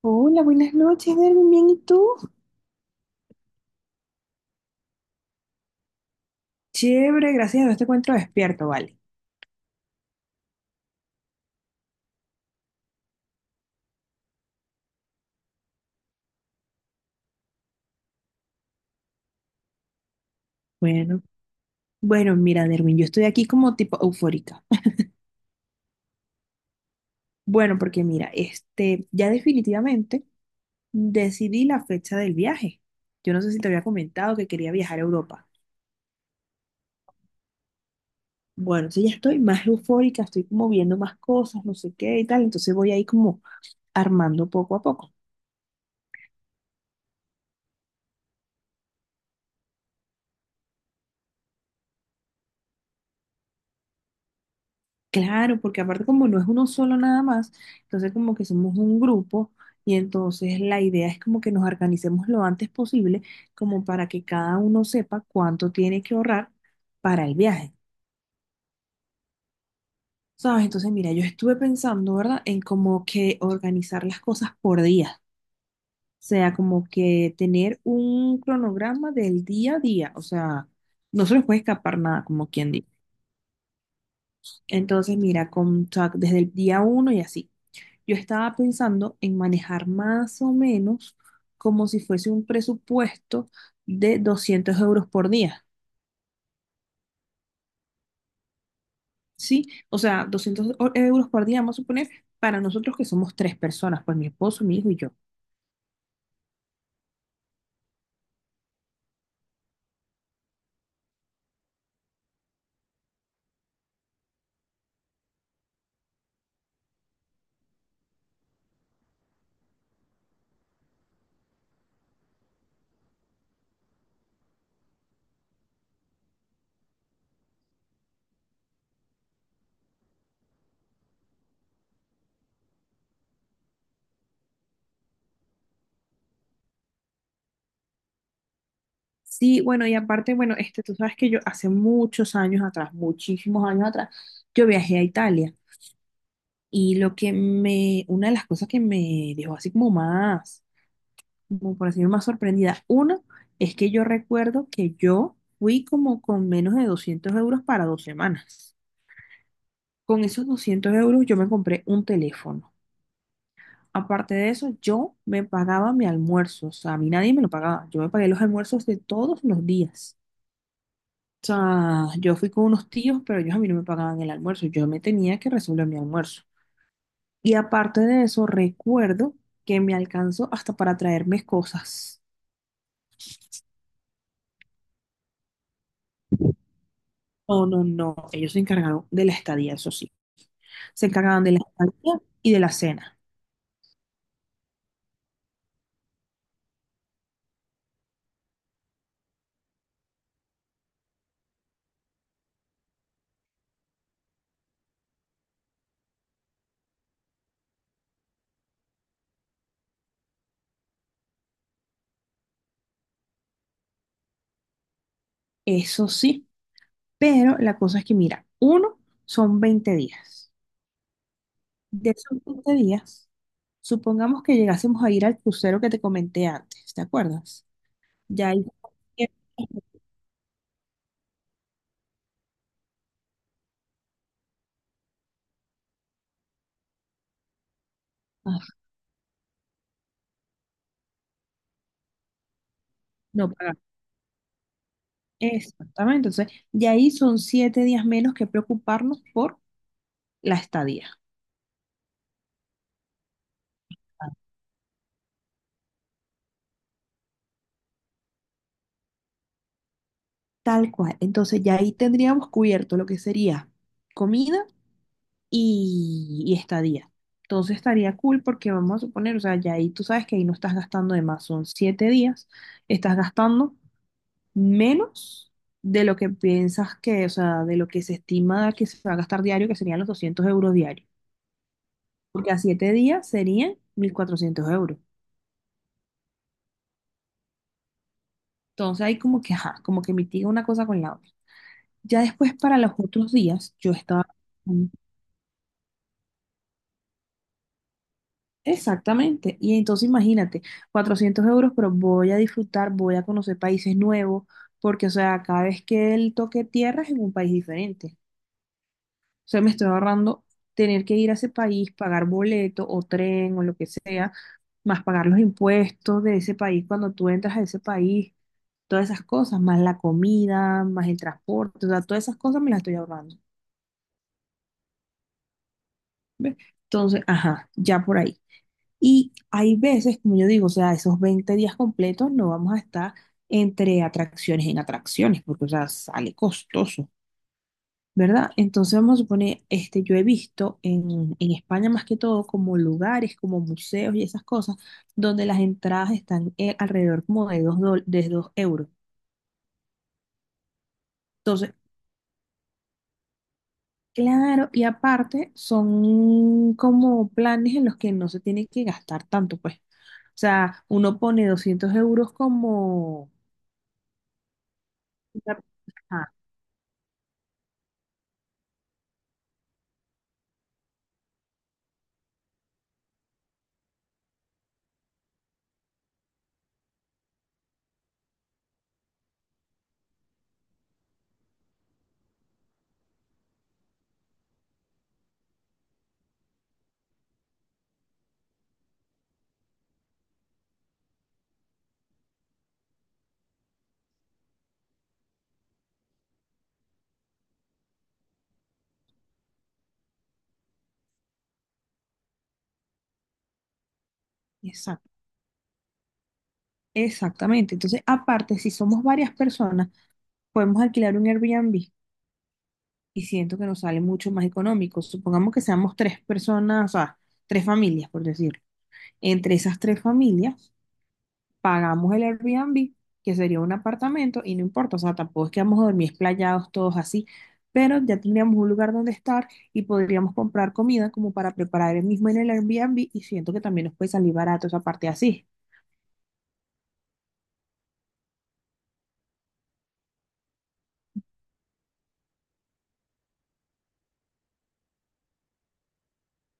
Hola, buenas noches, Derwin. ¿Bien y tú? Chévere, gracias a Dios te encuentro despierto, vale. Bueno, bueno, mira, Derwin, yo estoy aquí como tipo eufórica. Bueno, porque mira, ya definitivamente decidí la fecha del viaje. Yo no sé si te había comentado que quería viajar a Europa. Bueno, entonces ya estoy más eufórica, estoy como viendo más cosas, no sé qué y tal. Entonces voy ahí como armando poco a poco. Claro, porque aparte como no es uno solo nada más, entonces como que somos un grupo y entonces la idea es como que nos organicemos lo antes posible como para que cada uno sepa cuánto tiene que ahorrar para el viaje, ¿sabes? Entonces mira, yo estuve pensando, ¿verdad? En como que organizar las cosas por día, o sea, como que tener un cronograma del día a día, o sea, no se nos puede escapar nada, como quien dice. Entonces mira, o sea, desde el día uno y así. Yo estaba pensando en manejar más o menos como si fuese un presupuesto de 200 euros por día, ¿sí? O sea, doscientos euros por día, vamos a suponer, para nosotros que somos tres personas, pues mi esposo, mi hijo y yo. Sí, bueno, y aparte, bueno, tú sabes que yo hace muchos años atrás, muchísimos años atrás, yo viajé a Italia y lo que me, una de las cosas que me dejó así como más como por decir más sorprendida. Uno es que yo recuerdo que yo fui como con menos de 200 euros para 2 semanas. Con esos 200 euros yo me compré un teléfono. Aparte de eso, yo me pagaba mi almuerzo. O sea, a mí nadie me lo pagaba. Yo me pagué los almuerzos de todos los días. O sea, yo fui con unos tíos, pero ellos a mí no me pagaban el almuerzo. Yo me tenía que resolver mi almuerzo. Y aparte de eso, recuerdo que me alcanzó hasta para traerme cosas. No, no, no. Ellos se encargaron de la estadía, eso sí. Se encargaban de la estadía y de la cena. Eso sí, pero la cosa es que, mira, uno son 20 días. De esos 20 días, supongamos que llegásemos a ir al crucero que te comenté antes, ¿te acuerdas? Ya ahí... Ah, no pagar. Exactamente. Entonces, ya ahí son 7 días menos que preocuparnos por la estadía. Tal cual. Entonces, ya ahí tendríamos cubierto lo que sería comida y estadía. Entonces estaría cool porque vamos a suponer, o sea, ya ahí tú sabes que ahí no estás gastando de más, son 7 días, estás gastando menos de lo que piensas que, o sea, de lo que se estima que se va a gastar diario, que serían los 200 euros diarios, porque a 7 días serían 1.400 euros. Entonces ahí como que, ajá, como que mitiga una cosa con la otra. Ya después para los otros días, yo estaba... Exactamente. Y entonces imagínate, 400 euros, pero voy a disfrutar, voy a conocer países nuevos, porque, o sea, cada vez que él toque tierra es en un país diferente. O sea, me estoy ahorrando tener que ir a ese país, pagar boleto o tren o lo que sea, más pagar los impuestos de ese país cuando tú entras a ese país, todas esas cosas, más la comida, más el transporte, o sea, todas esas cosas me las estoy ahorrando. ¿Ves? Entonces, ajá, ya por ahí. Y hay veces, como yo digo, o sea, esos 20 días completos no vamos a estar entre atracciones en atracciones, porque, o sea, sale costoso, ¿verdad? Entonces vamos a suponer, yo he visto en España más que todo como lugares, como museos y esas cosas, donde las entradas están alrededor como de 2 euros. Entonces, claro, y aparte son como planes en los que no se tiene que gastar tanto, pues. O sea, uno pone 200 euros como Una- ajá, exact- exactamente. Entonces, aparte, si somos varias personas, podemos alquilar un Airbnb y siento que nos sale mucho más económico. Supongamos que seamos tres personas, o sea, tres familias, por decirlo. Entre esas tres familias, pagamos el Airbnb, que sería un apartamento, y no importa, o sea, tampoco es que vamos a dormir esplayados todos así, pero ya tendríamos un lugar donde estar y podríamos comprar comida como para preparar el mismo en el Airbnb y siento que también nos puede salir barato esa parte así.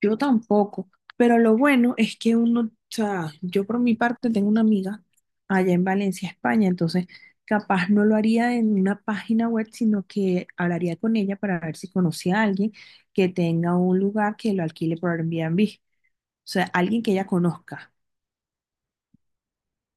Yo tampoco, pero lo bueno es que uno, o sea, yo por mi parte tengo una amiga allá en Valencia, España, entonces capaz no lo haría en una página web, sino que hablaría con ella para ver si conocía a alguien que tenga un lugar que lo alquile por Airbnb, o sea, alguien que ella conozca.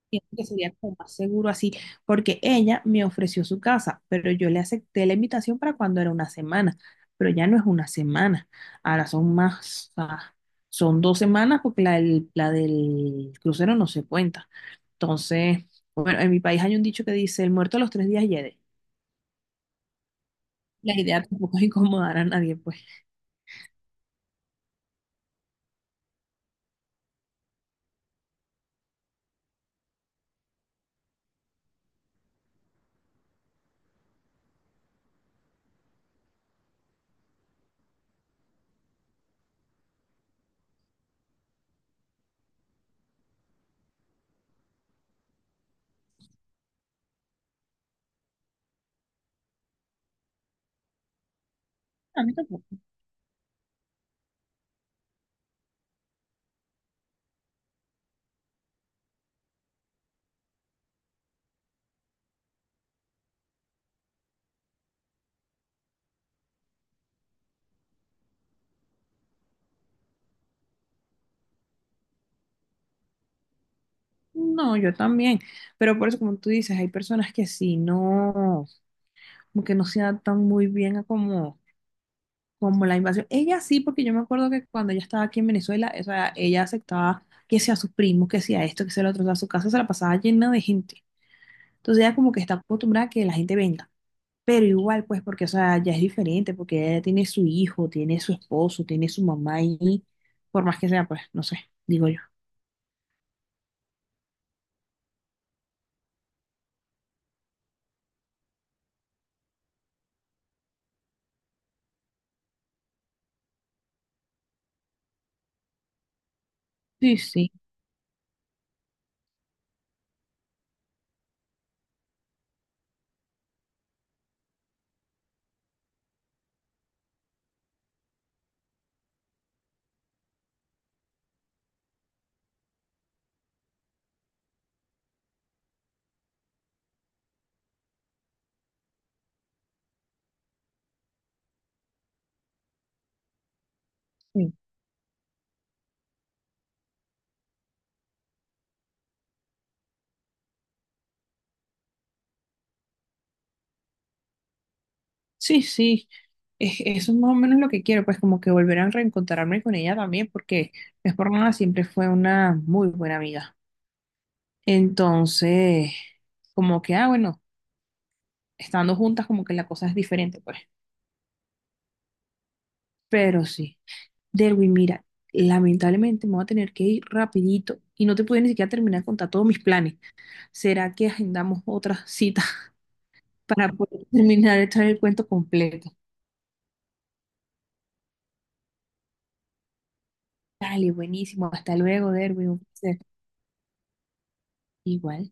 Siento que sería como más seguro así, porque ella me ofreció su casa, pero yo le acepté la invitación para cuando era una semana, pero ya no es una semana, ahora son más, ah, son 2 semanas porque la del crucero no se cuenta. Entonces, bueno, en mi país hay un dicho que dice, el muerto a los 3 días hiede. La idea tampoco es incomodar a nadie, pues. A mí tampoco. No, yo también. Pero por eso, como tú dices, hay personas que sí, no, como que no se adaptan muy bien a como la invasión. Ella sí, porque yo me acuerdo que cuando ella estaba aquí en Venezuela, o sea, ella aceptaba que sea sus primos, que sea esto, que sea lo otro, o sea, su casa se la pasaba llena de gente. Entonces ella como que está acostumbrada a que la gente venga. Pero igual, pues, porque, o sea, ya es diferente, porque ella tiene su hijo, tiene su esposo, tiene su mamá y por más que sea, pues, no sé, digo yo. Sí, sí, sí, sí, sí. Eso es más o menos lo que quiero, pues como que volver a reencontrarme con ella también, porque es por nada, siempre fue una muy buena amiga. Entonces, como que, ah, bueno, estando juntas, como que la cosa es diferente, pues. Pero sí. Derwin, mira, lamentablemente me voy a tener que ir rapidito y no te pude ni siquiera terminar de contar todos mis planes. ¿Será que agendamos otra cita para poder terminar de traer el cuento completo? Dale, buenísimo. Hasta luego, Derwin. Un placer. Igual.